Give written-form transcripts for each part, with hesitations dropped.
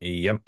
Ja,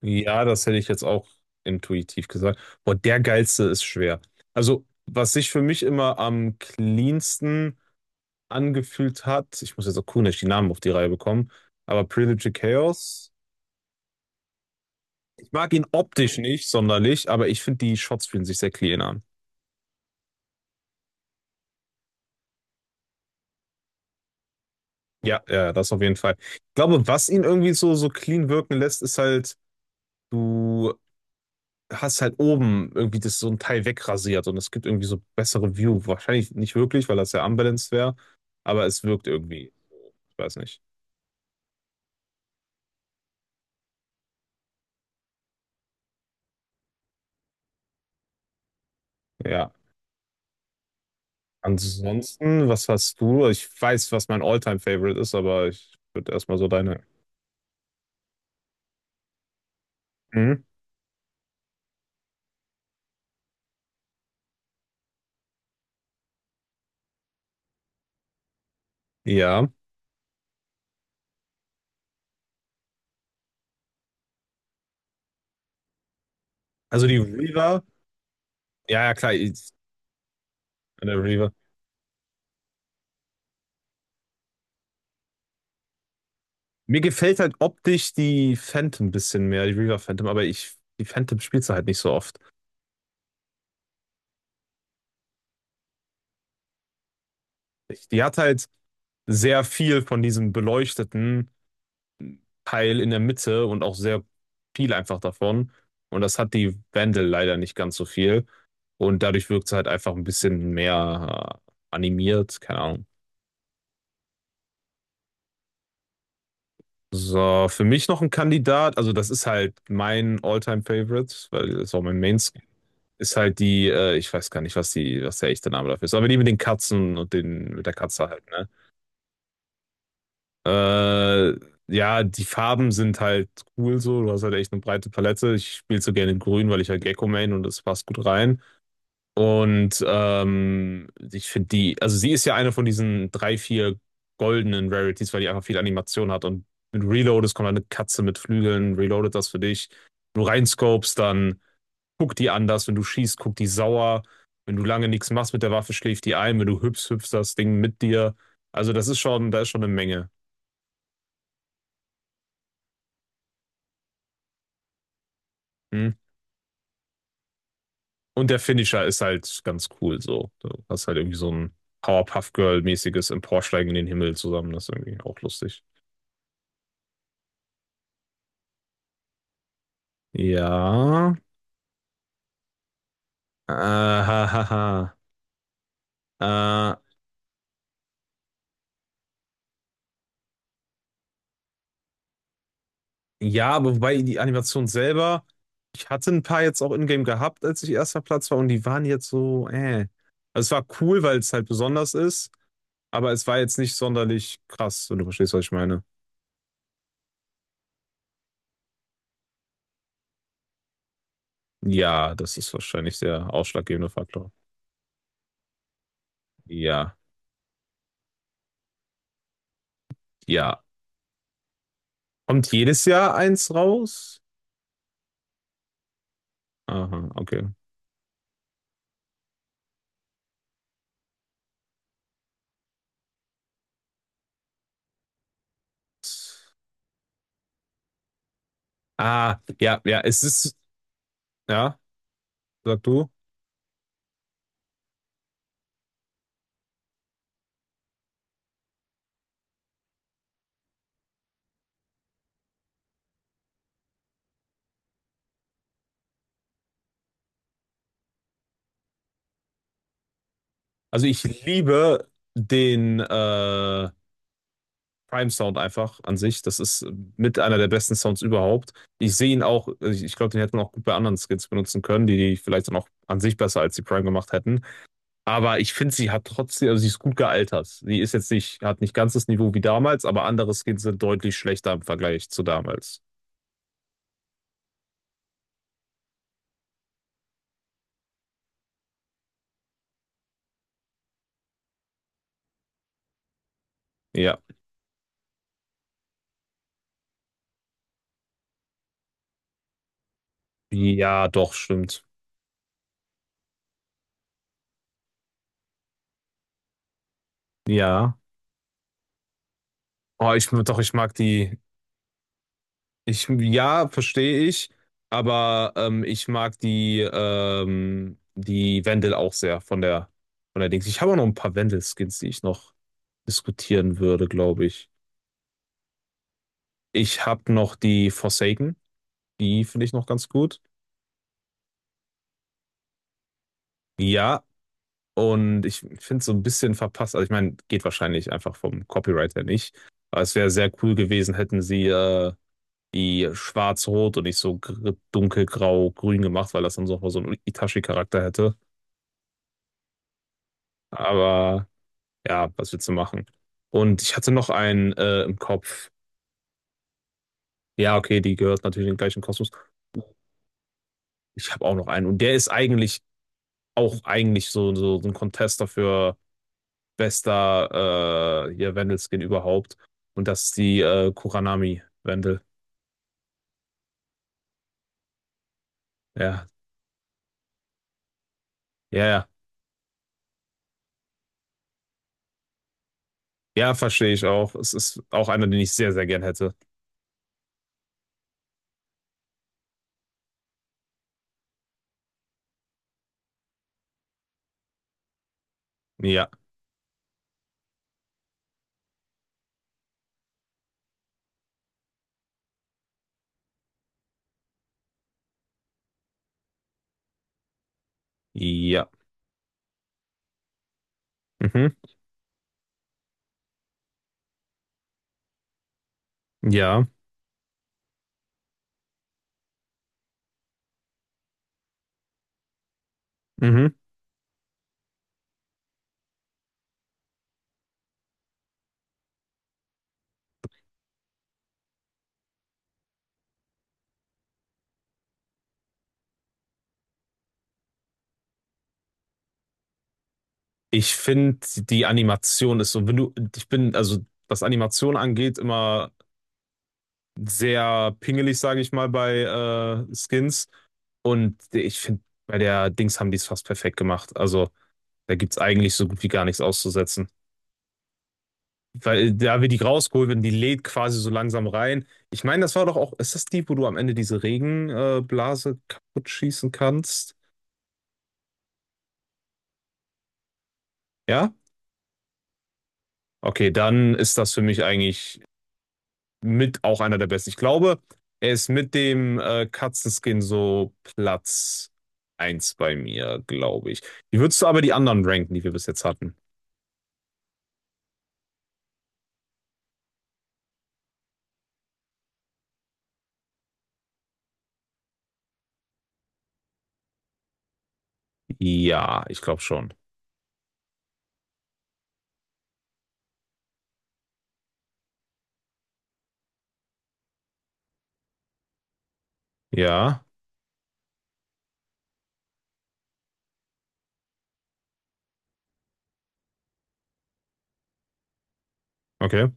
ja, das hätte ich jetzt auch intuitiv gesagt. Boah, der geilste ist schwer. Also, was sich für mich immer am cleansten angefühlt hat, ich muss jetzt auch cool nicht die Namen auf die Reihe bekommen, aber Predator Chaos, ich mag ihn optisch nicht sonderlich, aber ich finde, die Shots fühlen sich sehr clean an. Ja, ja, das auf jeden Fall. Ich glaube, was ihn irgendwie so, so clean wirken lässt, ist halt, du hast halt oben irgendwie das so ein Teil wegrasiert und es gibt irgendwie so bessere View. Wahrscheinlich nicht wirklich, weil das ja unbalanced wäre, aber es wirkt irgendwie. Ich weiß nicht. Ja. Ansonsten, was hast du? Ich weiß, was mein All-Time-Favorite ist, aber ich würde erstmal so deine. Mhm. Ja. Also die Reaver. Ja, ja, klar. Eine Reaver. Mir gefällt halt optisch die Phantom ein bisschen mehr, die Reaver Phantom, aber die Phantom spielst du halt nicht so oft. Die hat halt sehr viel von diesem beleuchteten Teil in der Mitte und auch sehr viel einfach davon. Und das hat die Vandal leider nicht ganz so viel. Und dadurch wirkt sie halt einfach ein bisschen mehr animiert, keine Ahnung. So, für mich noch ein Kandidat, also das ist halt mein All-Time-Favorite, weil das ist auch mein Mainstream, ist halt die, ich weiß gar nicht, was die, was der echte Name dafür ist, aber die mit den Katzen und den, mit der Katze halt, ne? Äh, ja, die Farben sind halt cool so, du hast halt echt eine breite Palette. Ich spiele so gerne in Grün, weil ich halt Gecko main und das passt gut rein. Und ich finde die, also sie ist ja eine von diesen drei, vier goldenen Rarities, weil die einfach viel Animation hat. Und mit Reload, es kommt eine Katze mit Flügeln, reloadet das für dich. Wenn du reinscopest, dann guckt die anders. Wenn du schießt, guckt die sauer. Wenn du lange nichts machst mit der Waffe, schläft die ein. Wenn du hüpfst, hüpft das Ding mit dir. Also das ist schon, da ist schon eine Menge. Hm? Und der Finisher ist halt ganz cool so. Du hast halt irgendwie so ein Powerpuff Girl-mäßiges Emporsteigen in den Himmel zusammen. Das ist irgendwie auch lustig. Ja. Ha, ha, ha. Ja, aber wobei die Animation selber, ich hatte ein paar jetzt auch in-game gehabt, als ich erster Platz war und die waren jetzt so. Also es war cool, weil es halt besonders ist, aber es war jetzt nicht sonderlich krass, wenn du verstehst, was ich meine. Ja, das ist wahrscheinlich der ausschlaggebende Faktor. Ja, ja. Kommt jedes Jahr eins raus? Aha, okay. Ah, ja, ja, es ist, ja, sag du. Also ich liebe den Prime Sound einfach an sich. Das ist mit einer der besten Sounds überhaupt. Ich sehe ihn auch, also ich glaube, den hätte man auch gut bei anderen Skins benutzen können, die, die vielleicht dann auch an sich besser als die Prime gemacht hätten. Aber ich finde, sie hat trotzdem, also sie ist gut gealtert. Sie ist jetzt nicht, hat nicht ganz das Niveau wie damals, aber andere Skins sind deutlich schlechter im Vergleich zu damals. Ja. Ja, doch, stimmt. Ja. Oh, ich, doch, ich mag die, Ich, ja, verstehe ich, aber ich mag die, die Wendel auch sehr von der Dings. Ich habe auch noch ein paar Wendel-Skins, die ich noch diskutieren würde, glaube ich. Ich habe noch die Forsaken, die finde ich noch ganz gut. Ja, und ich finde es so ein bisschen verpasst. Also ich meine, geht wahrscheinlich einfach vom Copyright her nicht. Aber es wäre sehr cool gewesen, hätten sie die schwarz-rot und nicht so gr- dunkelgrau-grün gemacht, weil das dann so, so einen Itachi-Charakter hätte. Aber ja, was willst du machen? Und ich hatte noch einen im Kopf. Ja, okay, die gehört natürlich in den gleichen Kosmos. Ich habe auch noch einen. Und der ist eigentlich auch eigentlich so, so, so ein Contester für bester hier Wendelskin überhaupt. Und das ist die Kuranami Wendel. Ja, ja, ja. Ja, verstehe ich auch. Es ist auch einer, den ich sehr, sehr gern hätte. Ja, ja. Mhm. Ja. Mhm. Ich finde, die Animation ist so, wenn du, ich bin, also was Animation angeht, immer sehr pingelig, sage ich mal, bei Skins. Und ich finde, bei der Dings haben die es fast perfekt gemacht. Also da gibt es eigentlich so gut wie gar nichts auszusetzen. Weil da wird die rausgeholt werden, die lädt quasi so langsam rein. Ich meine, das war doch auch, ist das die, wo du am Ende diese Regenblase kaputt schießen kannst? Ja? Okay, dann ist das für mich eigentlich mit auch einer der besten. Ich glaube, er ist mit dem Katzenskin so Platz eins bei mir, glaube ich. Wie würdest du aber die anderen ranken, die wir bis jetzt hatten? Ja, ich glaube schon. Ja, okay,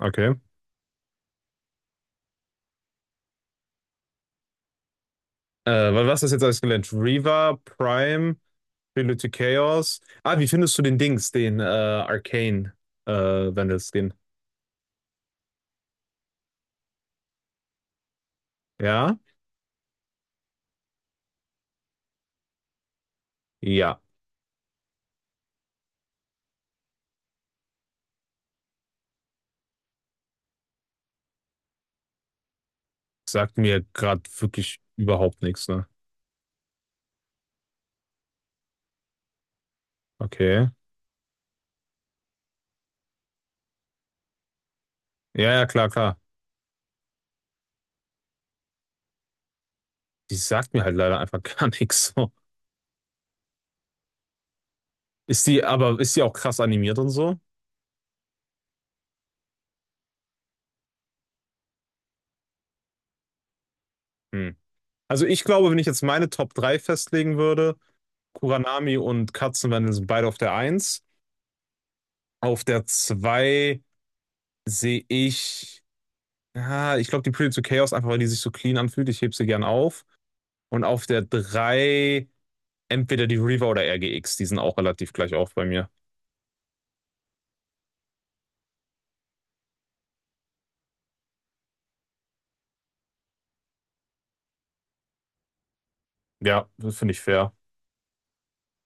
okay. Was ist jetzt alles gelernt? Reaver, Prime, Prelude to Chaos. Ah, wie findest du den Dings, den Arcane äh, Vandal Skin? Ja? Ja. Sagt mir gerade wirklich überhaupt nichts, ne? Okay. Ja, ja, klar, klar. Die sagt mir halt leider einfach gar nichts so. Ist die, aber ist die auch krass animiert und so? Hm. Also ich glaube, wenn ich jetzt meine Top 3 festlegen würde, Kuranami und Katzenwandel sind beide auf der eins. Auf der 2 sehe ich, ja, ich glaube die Pretty to Chaos, einfach weil die sich so clean anfühlt. Ich hebe sie gern auf. Und auf der 3 entweder die Reaver oder RGX, die sind auch relativ gleich auf bei mir. Ja, das finde ich fair.